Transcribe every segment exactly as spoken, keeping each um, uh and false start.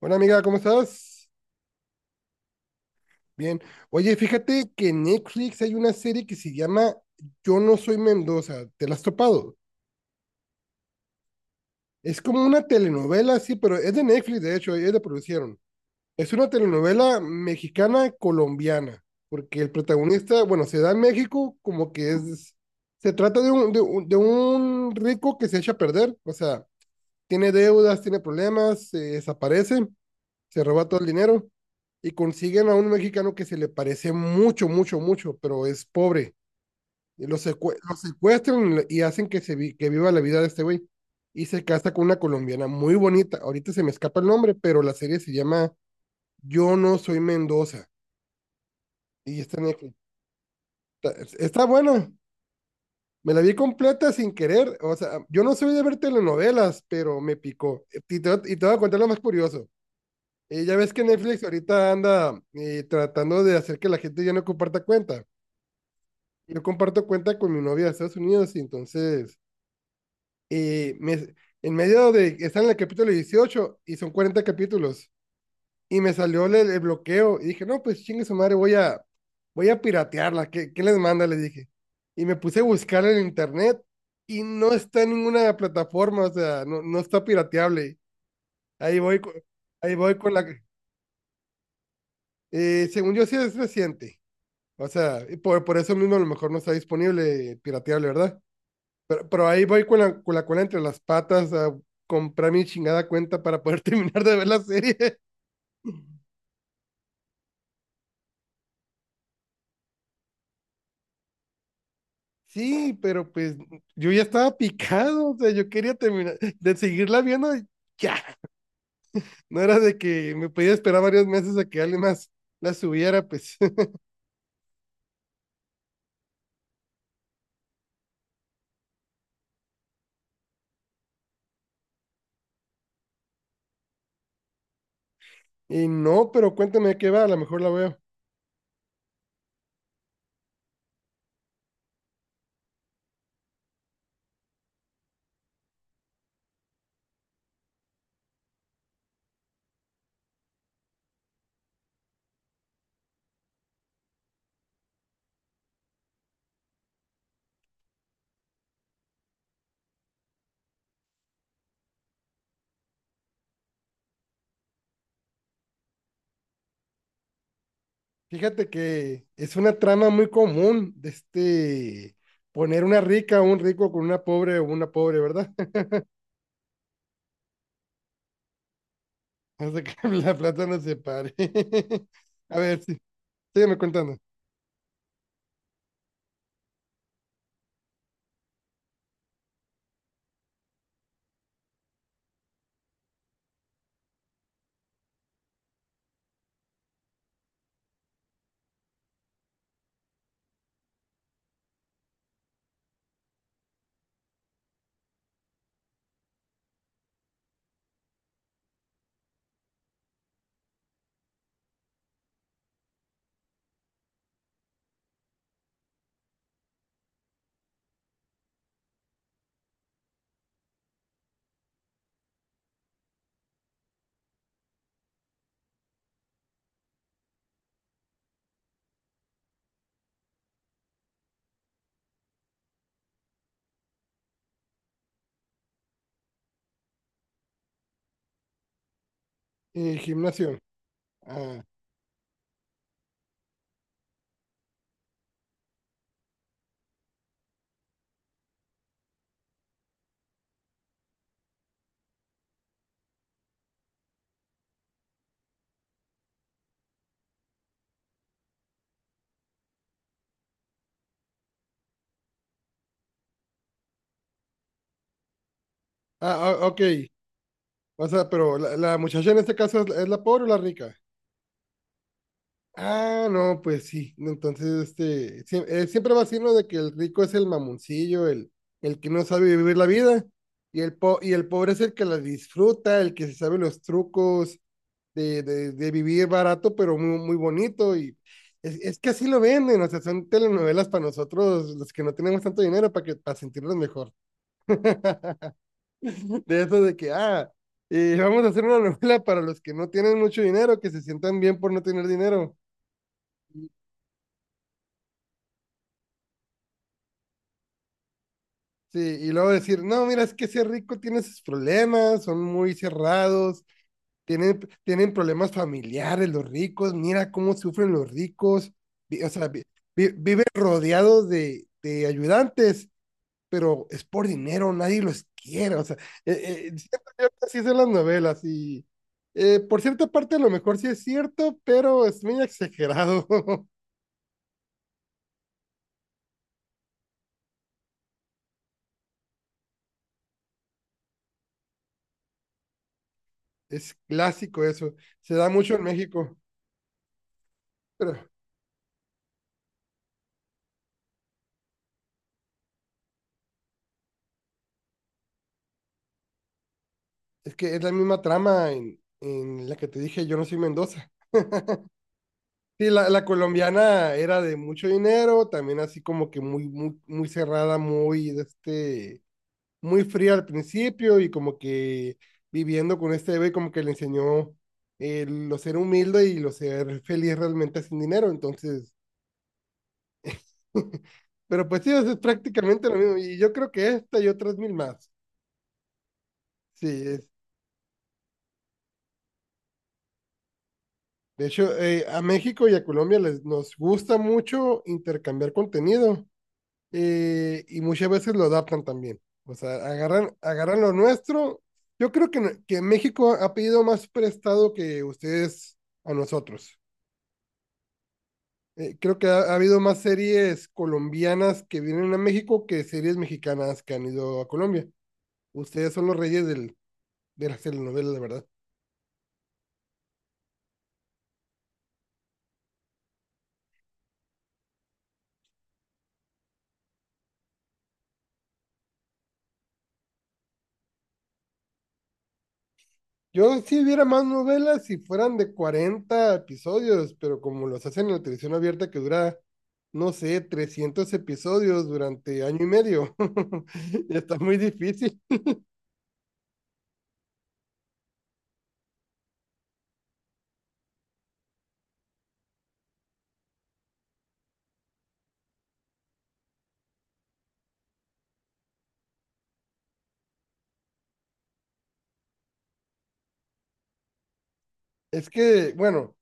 Hola amiga, ¿cómo estás? Bien. Oye, fíjate que en Netflix hay una serie que se llama Yo no soy Mendoza, ¿te la has topado? Es como una telenovela, sí, pero es de Netflix, de hecho, ellos la producieron. Es una telenovela mexicana colombiana, porque el protagonista, bueno, se da en México como que es, se trata de un, de un, de un rico que se echa a perder, o sea, tiene deudas, tiene problemas, se desaparece, se roba todo el dinero y consiguen a un mexicano que se le parece mucho, mucho, mucho, pero es pobre. Y lo, secue- lo secuestran y lo- y hacen que, se vi- que viva la vida de este güey. Y se casa con una colombiana muy bonita. Ahorita se me escapa el nombre, pero la serie se llama Yo no soy Mendoza. Y está en Netflix. Está, está buena. Me la vi completa sin querer. O sea, yo no soy de ver telenovelas, pero me picó. Y te, voy a- y te voy a contar lo más curioso. Eh, ya ves que Netflix ahorita anda eh, tratando de hacer que la gente ya no comparta cuenta. Yo comparto cuenta con mi novia de Estados Unidos y entonces eh, me- en medio de, está en el capítulo dieciocho y son cuarenta capítulos y me salió el, el bloqueo y dije, no, pues chingue su madre, voy a, voy a piratearla. ¿Qué, qué les manda? Le dije. Y me puse a buscar en internet y no está en ninguna plataforma, o sea, no, no está pirateable. Ahí voy, co- ahí voy con la... eh, según yo sí es reciente. O sea, y por, por eso mismo a lo mejor no está disponible, pirateable, ¿verdad? Pero, pero ahí voy con la, con la cola entre las patas a comprar mi chingada cuenta para poder terminar de ver la serie. Sí, pero pues yo ya estaba picado, o sea, yo quería terminar de seguirla viendo y ya. No era de que me podía esperar varios meses a que alguien más la subiera, pues. Y no, pero cuéntame de qué va, a lo mejor la veo. Fíjate que es una trama muy común de este poner una rica o un rico con una pobre o una pobre, ¿verdad? Hasta que la plata nos separe. A ver, sí, sígueme contando. Eh, gimnasio. Ah, ah, ah, ok. O sea, pero la, la muchacha en este caso es, es la pobre o la rica. Ah, no, pues sí. No, entonces, este, siem- eh, siempre va a ser uno de que el rico es el mamoncillo, el, el que no sabe vivir la vida, y el, po- y el pobre es el que la disfruta, el que se sabe los trucos de, de, de vivir barato, pero muy, muy bonito. Y es, es que así lo venden, o sea, son telenovelas para nosotros, los que no tenemos tanto dinero, para que, para sentirnos mejor. De eso de que, ah, eh, vamos a hacer una novela para los que no tienen mucho dinero, que se sientan bien por no tener dinero. Sí, y luego decir, no, mira, es que ese rico tiene sus problemas, son muy cerrados, tienen, tienen problemas familiares los ricos, mira cómo sufren los ricos, vi- o sea, vi- vi- viven rodeados de, de ayudantes, pero es por dinero, nadie los quiere, o sea, eh, eh, siento yo que así son las novelas y eh, por cierta parte a lo mejor sí es cierto, pero es muy exagerado. Es clásico eso, se da mucho en México, pero... Es que es la misma trama en, en la que te dije, yo no soy Mendoza. Sí, la, la colombiana era de mucho dinero, también así como que muy, muy, muy cerrada, muy, de este, muy fría al principio y como que viviendo con este bebé como que le enseñó eh, lo ser humilde y lo ser feliz realmente sin dinero, entonces, pero pues sí, eso es prácticamente lo mismo y yo creo que esta y otras mil más. Sí, es, de hecho, eh, a México y a Colombia les, nos gusta mucho intercambiar contenido eh, y muchas veces lo adaptan también. O sea, agarran, agarran lo nuestro. Yo creo que, n- que México ha pedido más prestado que ustedes a nosotros. Eh, creo que ha, ha habido más series colombianas que vienen a México que series mexicanas que han ido a Colombia. Ustedes son los reyes del, de las telenovelas, de verdad. Yo sí viera más novelas si fueran de cuarenta episodios, pero como los hacen en la televisión abierta que dura, no sé, trescientos episodios durante año y medio, está muy difícil. Es que, bueno,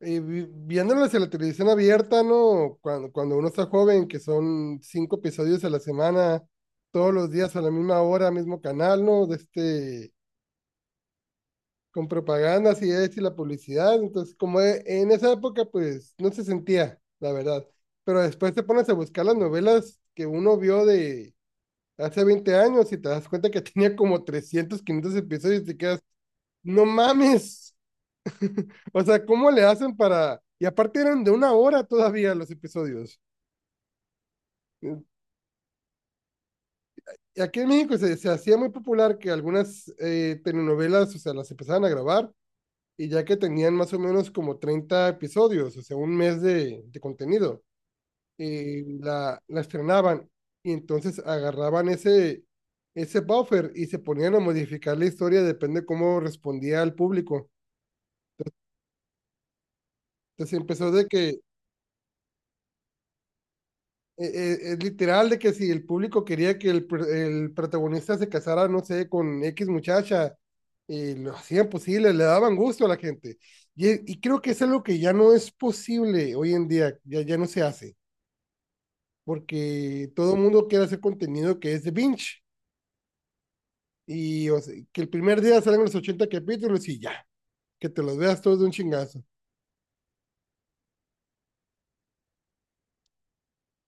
eh, vi- viéndolas en la televisión abierta, ¿no? Cuando, cuando uno está joven, que son cinco episodios a la semana, todos los días a la misma hora, mismo canal, ¿no? De este, con propagandas y esto y la publicidad. Entonces, como e- en esa época, pues no se sentía, la verdad. Pero después te pones a buscar las novelas que uno vio de hace veinte años y te das cuenta que tenía como trescientos quinientos episodios y te quedas, no mames. O sea, ¿cómo le hacen para...? Y aparte eran de una hora todavía los episodios. Y aquí en México se, se hacía muy popular que algunas eh, telenovelas, o sea, las empezaban a grabar y ya que tenían más o menos como treinta episodios, o sea, un mes de, de contenido, eh, la, la estrenaban y entonces agarraban ese, ese buffer y se ponían a modificar la historia, depende cómo respondía al público. Entonces empezó de que, eh, eh, es literal, de que si el público quería que el, pr- el protagonista se casara, no sé, con X muchacha, y lo hacían posible, le daban gusto a la gente. Y, y creo que es algo que ya no es posible hoy en día, ya, ya no se hace, porque todo el mundo quiere hacer contenido que es de binge y o sea, que el primer día salgan los ochenta capítulos y ya, que te los veas todos de un chingazo.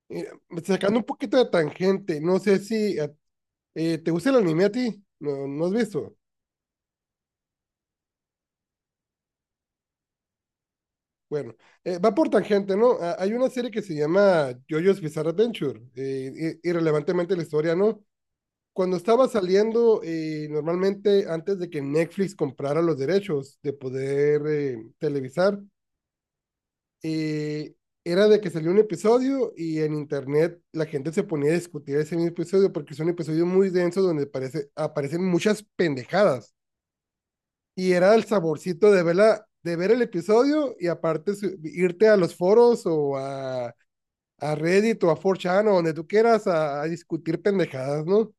Eh, Sacando un poquito de tangente, no sé si eh, eh, te gusta el anime a ti, no, no has visto. Bueno, eh, va por tangente, ¿no? A- hay una serie que se llama JoJo's Bizarre Adventure, eh, i- irrelevantemente la historia, ¿no? Cuando estaba saliendo, eh, normalmente antes de que Netflix comprara los derechos de poder eh, televisar, eh, era de que salió un episodio y en internet la gente se ponía a discutir ese mismo episodio porque es un episodio muy denso donde parece, aparecen muchas pendejadas. Y era el saborcito de, verla, de ver el episodio y aparte su, irte a los foros o a, a Reddit o a cuatro chan o donde tú quieras a, a discutir pendejadas, ¿no?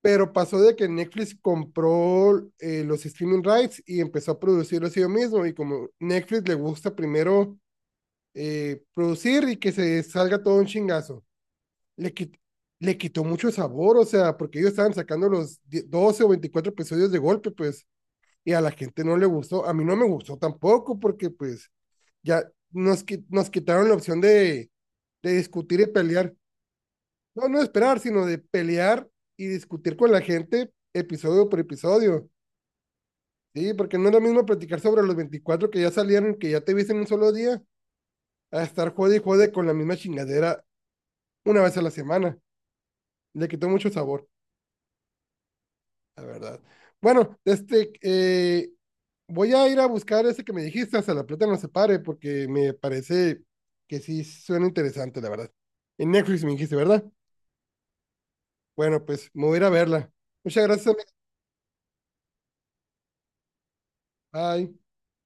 Pero pasó de que Netflix compró eh, los streaming rights y empezó a producirlos ellos mismos. Y como Netflix le gusta primero eh, producir y que se salga todo un chingazo. Le, quit- le quitó mucho sabor, o sea, porque ellos estaban sacando los doce o veinticuatro episodios de golpe, pues, y a la gente no le gustó. A mí no me gustó tampoco, porque pues ya nos, qui- nos quitaron la opción de, de discutir y pelear. No, no de esperar, sino de pelear y discutir con la gente episodio por episodio. Sí, porque no es lo mismo platicar sobre los veinticuatro que ya salieron, que ya te viste en un solo día, a estar jode y jode con la misma chingadera una vez a la semana. Le quitó mucho sabor, la verdad. Bueno, este, eh, voy a ir a buscar ese que me dijiste, hasta la plata no se pare, porque me parece que sí suena interesante, la verdad. En Netflix me dijiste, ¿verdad? Bueno, pues me voy a ir a verla. Muchas gracias, amiga. Bye.